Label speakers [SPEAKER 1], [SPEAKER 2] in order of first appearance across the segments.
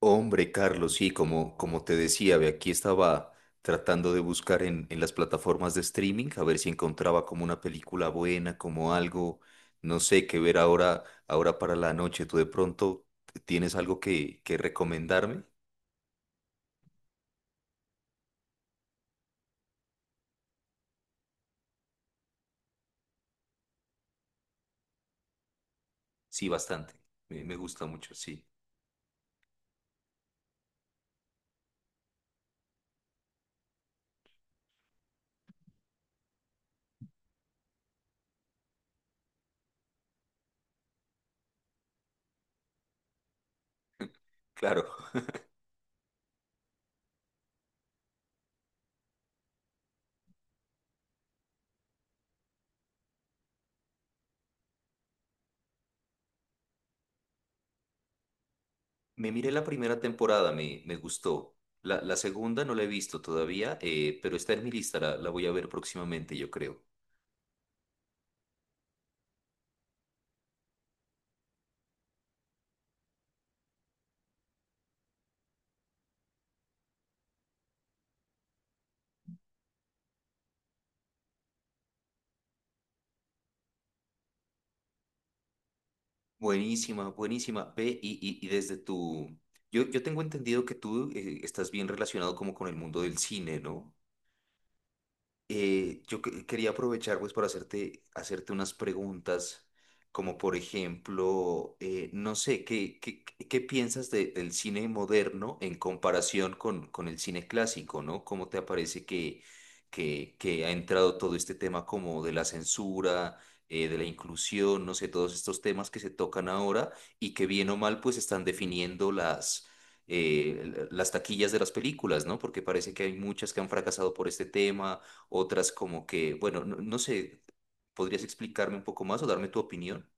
[SPEAKER 1] Hombre, Carlos, sí, como te decía, ve, aquí estaba tratando de buscar en las plataformas de streaming a ver si encontraba como una película buena, como algo, no sé, qué ver ahora para la noche. ¿Tú de pronto tienes algo que recomendarme? Sí, bastante. Me gusta mucho, sí. Claro. Me miré la primera temporada, me gustó. La segunda no la he visto todavía, pero está en mi lista, la voy a ver próximamente, yo creo. Buenísima, buenísima. Ve, y desde tu... Yo tengo entendido que tú estás bien relacionado como con el mundo del cine, ¿no? Quería aprovechar pues para hacerte unas preguntas, como por ejemplo, no sé, qué piensas del cine moderno en comparación con el cine clásico, ¿no? ¿Cómo te parece que ha entrado todo este tema como de la censura, de la inclusión, no sé, todos estos temas que se tocan ahora y que bien o mal pues están definiendo las taquillas de las películas, ¿no? Porque parece que hay muchas que han fracasado por este tema, otras como que, bueno, no, no sé, ¿podrías explicarme un poco más o darme tu opinión?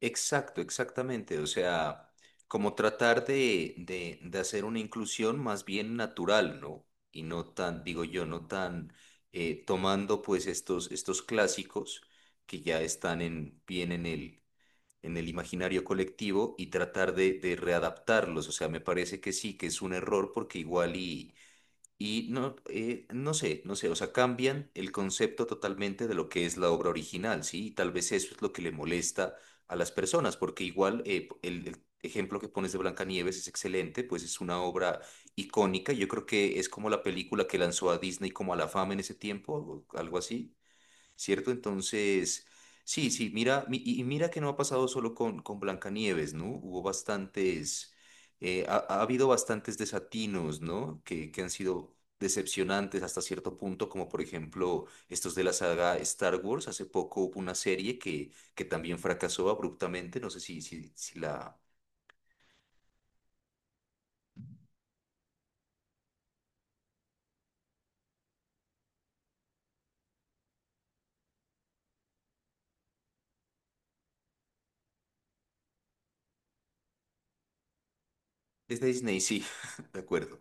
[SPEAKER 1] Exacto, exactamente, o sea, como tratar de hacer una inclusión más bien natural, ¿no? Y no tan, digo yo, no tan tomando pues estos clásicos que ya están en, bien en en el imaginario colectivo y tratar de readaptarlos, o sea, me parece que sí, que es un error porque igual. Y no, no sé, no sé, o sea, cambian el concepto totalmente de lo que es la obra original, ¿sí? Y tal vez eso es lo que le molesta a las personas, porque igual el ejemplo que pones de Blancanieves es excelente, pues es una obra icónica, yo creo que es como la película que lanzó a Disney como a la fama en ese tiempo, o algo así. ¿Cierto? Entonces, sí, sí, mira, mira que no ha pasado solo con Blancanieves, ¿no? Hubo bastantes, ha habido bastantes desatinos, ¿no? Que han sido decepcionantes hasta cierto punto, como por ejemplo estos de la saga Star Wars. Hace poco hubo una serie que también fracasó abruptamente, no sé si la... Es de Disney, sí, de acuerdo.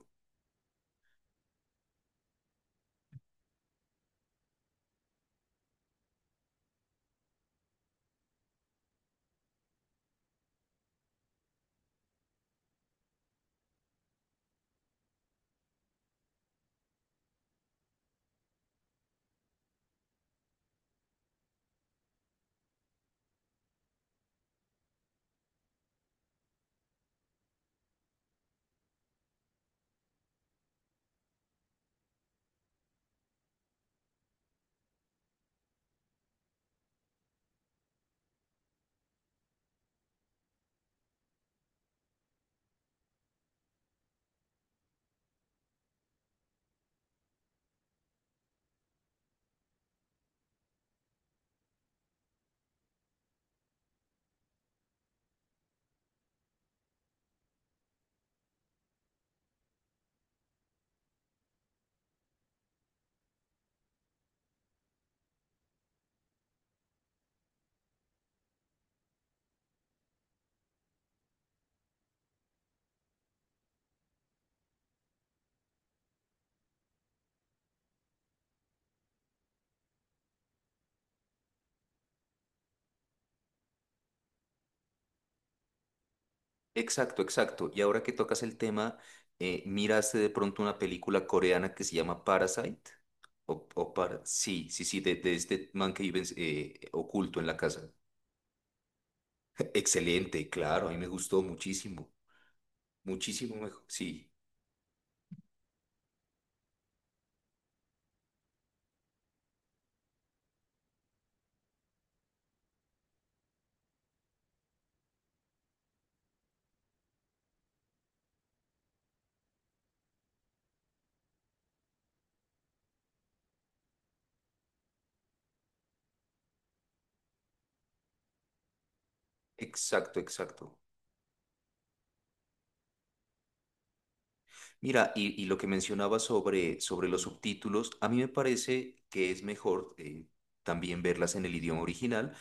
[SPEAKER 1] Exacto, exacto. Y ahora que tocas el tema, ¿miraste de pronto una película coreana que se llama Parasite? O para... Sí, sí, sí, de este man que vive oculto en la casa. Excelente, claro, a mí me gustó muchísimo, muchísimo mejor. Sí, exacto, exacto. Mira, y lo que mencionaba sobre los subtítulos, a mí me parece que es mejor también verlas en el idioma original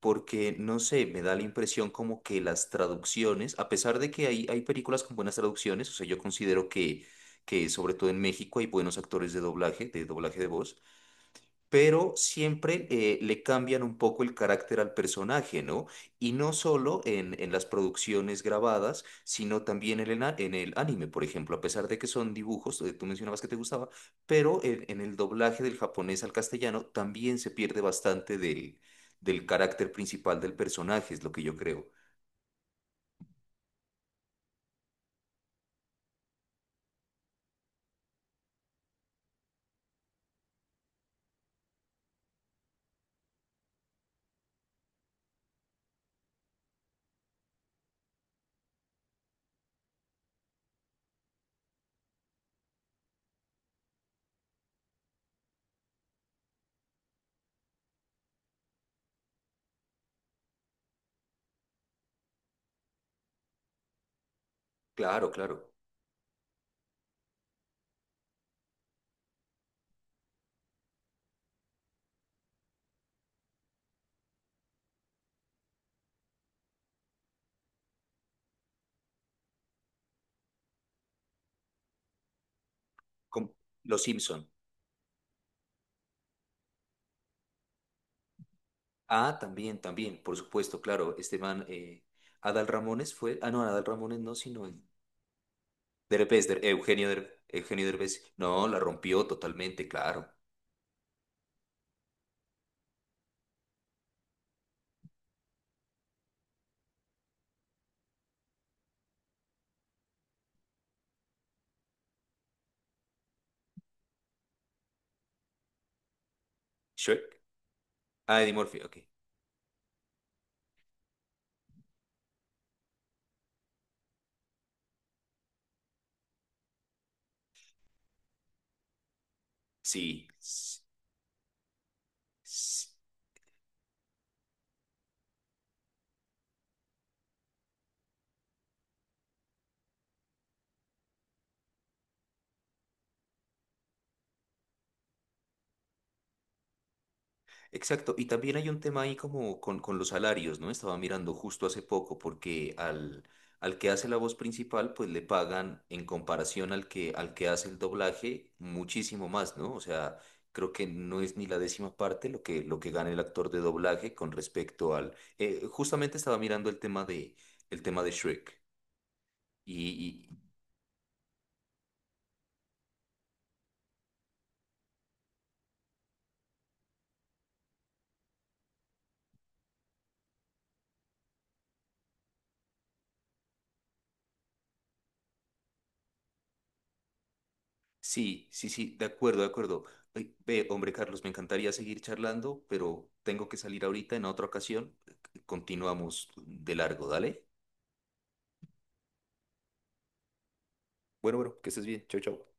[SPEAKER 1] porque no sé, me da la impresión como que las traducciones, a pesar de que hay películas con buenas traducciones, o sea, yo considero que sobre todo en México hay buenos actores de doblaje, de doblaje de voz, pero siempre le cambian un poco el carácter al personaje, ¿no? Y no solo en las producciones grabadas, sino también en en el anime, por ejemplo, a pesar de que son dibujos, tú mencionabas que te gustaba, pero en el doblaje del japonés al castellano también se pierde bastante del carácter principal del personaje, es lo que yo creo. Claro, claro. Como Los Simpson. Ah, también, también, por supuesto, claro. Este man, Adal Ramones fue, ah, no, Adal Ramones no, sino el Derbez, Eugenio, Eugenio Derbez. No, la rompió totalmente, claro. Shrek. Ah, Eddie Murphy, ok. Sí. s- s- Exacto. Y también hay un tema ahí como con los salarios, ¿no? Estaba mirando justo hace poco porque al que hace la voz principal, pues le pagan en comparación al al que hace el doblaje muchísimo más, ¿no? O sea, creo que no es ni la décima parte lo lo que gana el actor de doblaje con respecto al... justamente estaba mirando el tema el tema de Shrek. Y, y- sí, sí, sí, de acuerdo, de acuerdo. Ay, ve, hombre, Carlos, me encantaría seguir charlando, pero tengo que salir ahorita en otra ocasión. Continuamos de largo, dale. Bueno, bueno, que estés bien. Chau, chau.